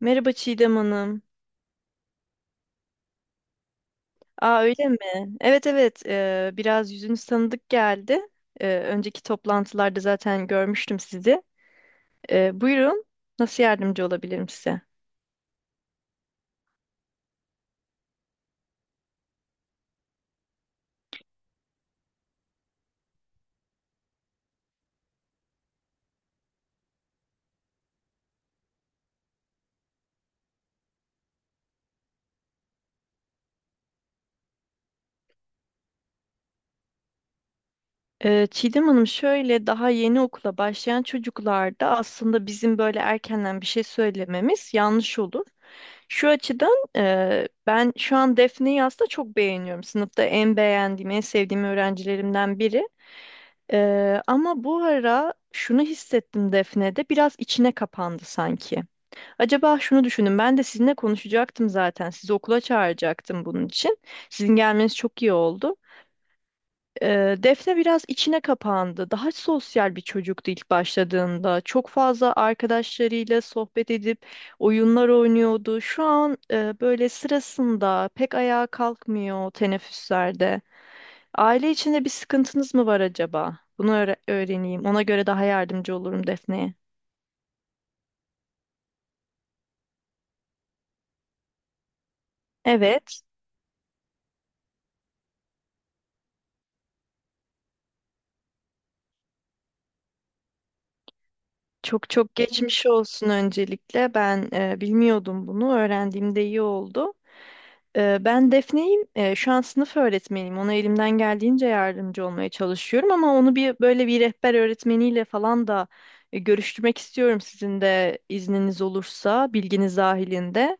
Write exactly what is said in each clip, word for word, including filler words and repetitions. Merhaba Çiğdem Hanım. Aa öyle mi? Evet evet eee, biraz yüzünüz tanıdık geldi. Eee, önceki toplantılarda zaten görmüştüm sizi. Eee, buyurun nasıl yardımcı olabilirim size? Eee, Çiğdem Hanım şöyle daha yeni okula başlayan çocuklarda aslında bizim böyle erkenden bir şey söylememiz yanlış olur. Şu açıdan eee, ben şu an Defne'yi aslında çok beğeniyorum. Sınıfta en beğendiğim, en sevdiğim öğrencilerimden biri. Eee, ama bu ara şunu hissettim, Defne'de biraz içine kapandı sanki. Acaba şunu düşündüm. Ben de sizinle konuşacaktım zaten. Sizi okula çağıracaktım bunun için. Sizin gelmeniz çok iyi oldu. Ee, Defne biraz içine kapandı. Daha sosyal bir çocuktu ilk başladığında. Çok fazla arkadaşlarıyla sohbet edip oyunlar oynuyordu. Şu an e, böyle sırasında pek ayağa kalkmıyor teneffüslerde. Aile içinde bir sıkıntınız mı var acaba? Bunu öğre- öğreneyim. Ona göre daha yardımcı olurum Defne'ye. Evet. Çok çok geçmiş olsun öncelikle. Ben e, bilmiyordum bunu. Öğrendiğimde iyi oldu. Ee, Ben Defne'yim. Ee, Şu an sınıf öğretmeniyim. Ona elimden geldiğince yardımcı olmaya çalışıyorum ama onu bir böyle bir rehber öğretmeniyle falan da e, görüştürmek istiyorum, sizin de izniniz olursa, bilginiz dahilinde.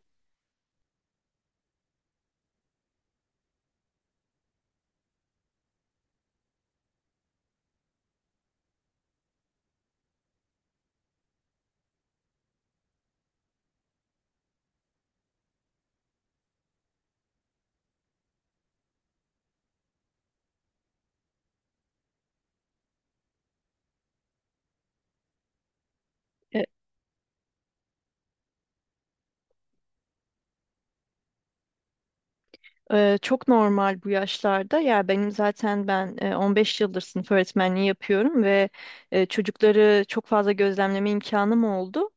E, Ee, çok normal bu yaşlarda. Ya benim zaten ben e, on beş yıldır sınıf öğretmenliği yapıyorum ve e, çocukları çok fazla gözlemleme imkanım oldu.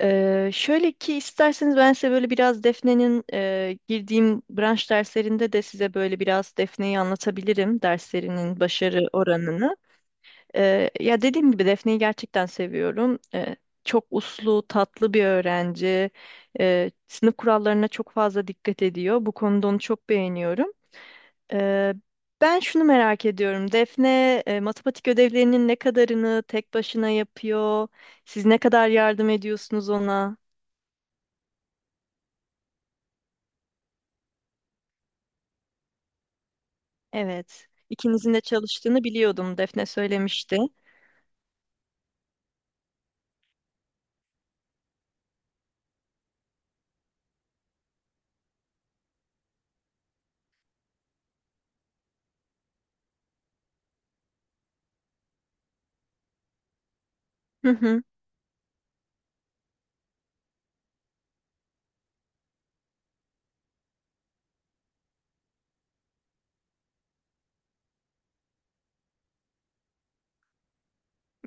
Ee, şöyle ki, isterseniz ben size böyle biraz Defne'nin e, girdiğim branş derslerinde de size böyle biraz Defne'yi anlatabilirim, derslerinin başarı oranını. Ee, ya dediğim gibi Defne'yi gerçekten seviyorum. Ee, çok uslu, tatlı bir öğrenci. Ee, sınıf kurallarına çok fazla dikkat ediyor. Bu konuda onu çok beğeniyorum. Ee, Ben şunu merak ediyorum. Defne e, matematik ödevlerinin ne kadarını tek başına yapıyor? Siz ne kadar yardım ediyorsunuz ona? Evet. İkinizin de çalıştığını biliyordum. Defne söylemişti. Hı hı.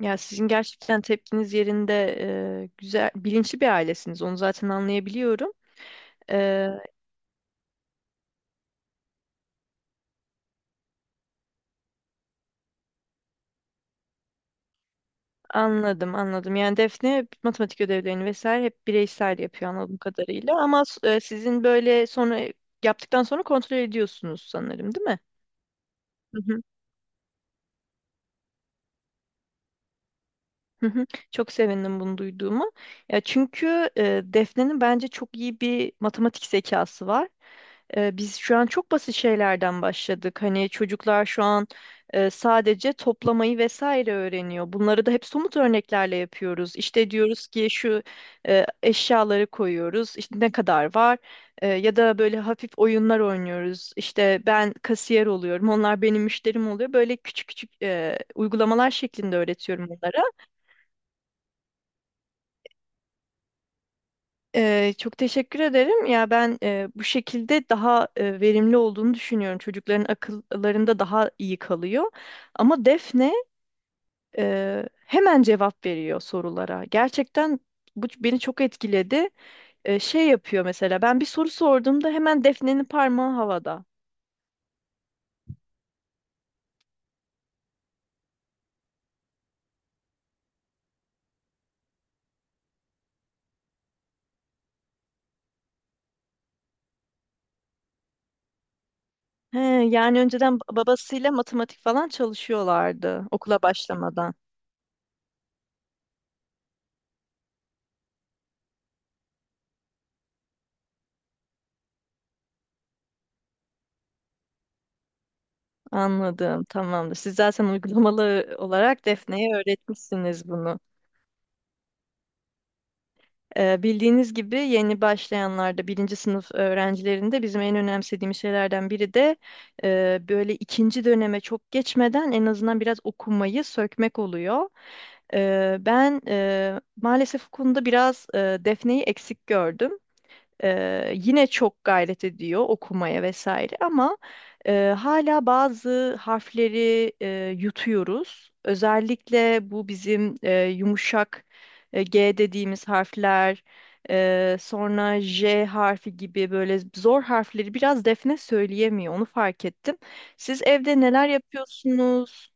Ya sizin gerçekten tepkiniz yerinde, e, güzel, bilinçli bir ailesiniz. Onu zaten anlayabiliyorum. Ee, Anladım, anladım. Yani Defne matematik ödevlerini vesaire hep bireysel yapıyor anladığım kadarıyla. Ama s- e, sizin böyle sonra yaptıktan sonra kontrol ediyorsunuz sanırım, değil mi? Hı hı, hı hı. Çok sevindim bunu duyduğuma. Ya çünkü e, Defne'nin bence çok iyi bir matematik zekası var. E, biz şu an çok basit şeylerden başladık. Hani çocuklar şu an e, sadece toplamayı vesaire öğreniyor. Bunları da hep somut örneklerle yapıyoruz. İşte diyoruz ki şu e, eşyaları koyuyoruz. İşte ne kadar var? E, ya da böyle hafif oyunlar oynuyoruz. İşte ben kasiyer oluyorum. Onlar benim müşterim oluyor. Böyle küçük küçük e, uygulamalar şeklinde öğretiyorum onlara. Ee, çok teşekkür ederim. Ya ben e, bu şekilde daha e, verimli olduğunu düşünüyorum. Çocukların akıllarında daha iyi kalıyor. Ama Defne e, hemen cevap veriyor sorulara. Gerçekten bu beni çok etkiledi. E, şey yapıyor, mesela ben bir soru sorduğumda hemen Defne'nin parmağı havada. He, yani önceden ba- babasıyla matematik falan çalışıyorlardı okula başlamadan. Anladım, tamamdır. Siz zaten uygulamalı olarak Defne'ye öğretmişsiniz bunu. Ee, bildiğiniz gibi yeni başlayanlarda, birinci sınıf öğrencilerinde bizim en önemsediğimiz şeylerden biri de e, böyle ikinci döneme çok geçmeden en azından biraz okumayı sökmek oluyor. Ee, ben e, maalesef bu konuda biraz e, Defne'yi eksik gördüm. Eee, yine çok gayret ediyor okumaya vesaire ama eee, hala bazı harfleri eee, yutuyoruz. Özellikle bu bizim eee, yumuşak eee, G dediğimiz harfler, eee, sonra J harfi gibi böyle zor harfleri biraz Defne söyleyemiyor. Onu fark ettim. Siz evde neler yapıyorsunuz?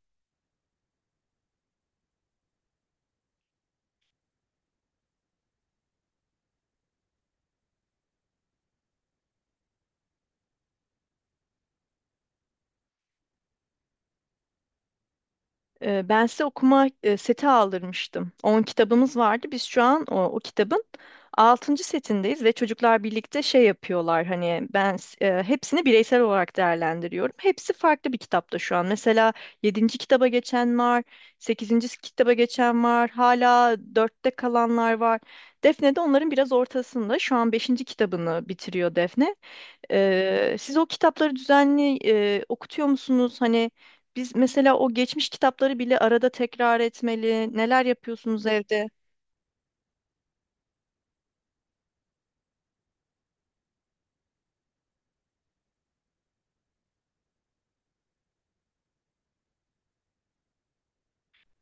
Ee, Ben size okuma e, seti aldırmıştım. On kitabımız vardı. Biz şu an o, o kitabın altıncı setindeyiz ve çocuklar birlikte şey yapıyorlar. Hani ben s- e, hepsini bireysel olarak değerlendiriyorum. Hepsi farklı bir kitapta şu an. Mesela yedinci kitaba geçen var, sekizinci kitaba geçen var, hala dörtte kalanlar var. Defne de onların biraz ortasında. Şu an beşinci kitabını bitiriyor Defne. Ee, siz o kitapları düzenli e, okutuyor musunuz? Hani biz mesela o geçmiş kitapları bile arada tekrar etmeli. Neler yapıyorsunuz evde?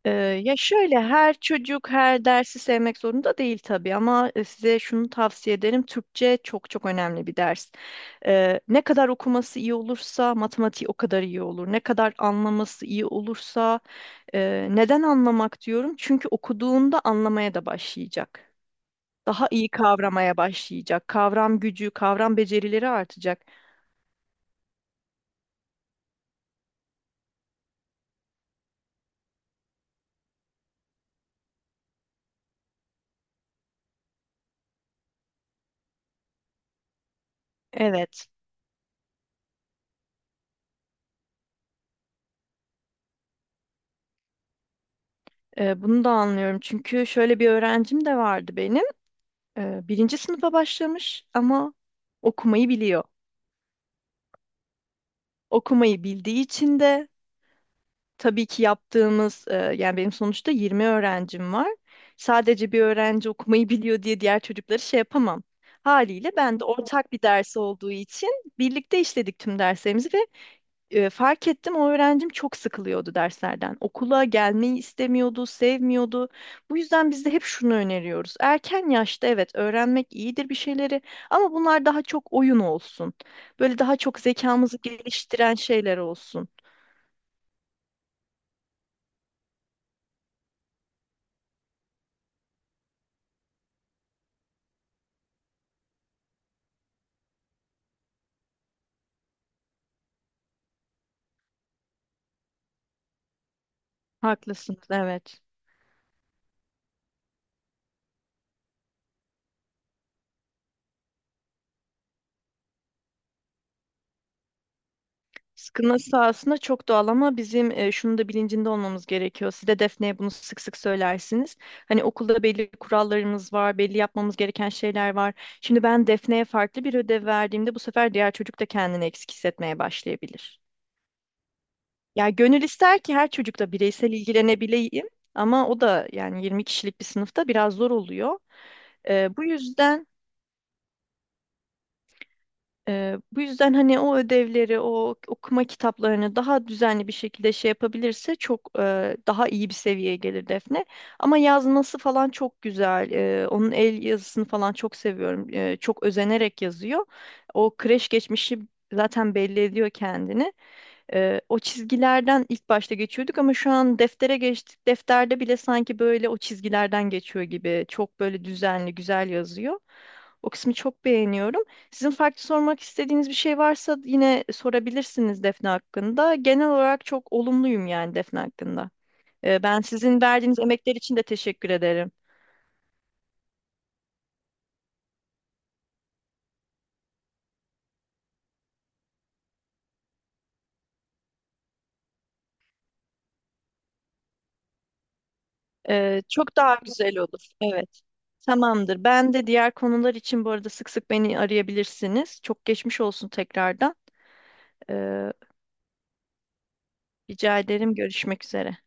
Ee, Ya şöyle, her çocuk her dersi sevmek zorunda değil tabii ama e, size şunu tavsiye ederim. Türkçe çok çok önemli bir ders. Ee, ne kadar okuması iyi olursa matematiği o kadar iyi olur. Ne kadar anlaması iyi olursa e, neden anlamak diyorum? Çünkü okuduğunda anlamaya da başlayacak. Daha iyi kavramaya başlayacak. Kavram gücü, kavram becerileri artacak. Evet, e, bunu da anlıyorum. Çünkü şöyle bir öğrencim de vardı benim. E, birinci sınıfa başlamış ama okumayı biliyor. Okumayı bildiği için de tabii ki yaptığımız, e, yani benim sonuçta yirmi öğrencim var. Sadece bir öğrenci okumayı biliyor diye diğer çocukları şey yapamam. Haliyle ben de ortak bir ders olduğu için birlikte işledik tüm derslerimizi ve E, fark ettim o öğrencim çok sıkılıyordu derslerden. Okula gelmeyi istemiyordu, sevmiyordu. Bu yüzden biz de hep şunu öneriyoruz. Erken yaşta evet öğrenmek iyidir bir şeyleri ama bunlar daha çok oyun olsun. Böyle daha çok zekamızı geliştiren şeyler olsun. Haklısınız, evet. Sıkılması sahasında çok doğal ama bizim e, şunu da bilincinde olmamız gerekiyor. Siz de Defne'ye bunu sık sık söylersiniz. Hani okulda belli kurallarımız var, belli yapmamız gereken şeyler var. Şimdi ben Defne'ye farklı bir ödev verdiğimde bu sefer diğer çocuk da kendini eksik hissetmeye başlayabilir. Ya gönül ister ki her çocukla bireysel ilgilenebileyim ama o da yani yirmi kişilik bir sınıfta biraz zor oluyor. E, bu yüzden Ee, bu yüzden hani o ödevleri, o okuma kitaplarını daha düzenli bir şekilde şey yapabilirse çok e, daha iyi bir seviyeye gelir Defne. Ama yazması falan çok güzel. Ee, onun el yazısını falan çok seviyorum. Ee, çok özenerek yazıyor. O kreş geçmişi zaten belli ediyor kendini. Ee, o çizgilerden ilk başta geçiyorduk ama şu an deftere geçtik. Defterde bile sanki böyle o çizgilerden geçiyor gibi. Çok böyle düzenli, güzel yazıyor. O kısmı çok beğeniyorum. Sizin farklı sormak istediğiniz bir şey varsa yine sorabilirsiniz Defne hakkında. Genel olarak çok olumluyum yani Defne hakkında. Ee, ben sizin verdiğiniz emekler için de teşekkür ederim. Ee, çok daha güzel olur. Evet. Tamamdır. Ben de diğer konular için bu arada sık sık beni arayabilirsiniz. Çok geçmiş olsun tekrardan. Ee, Rica ederim. Görüşmek üzere.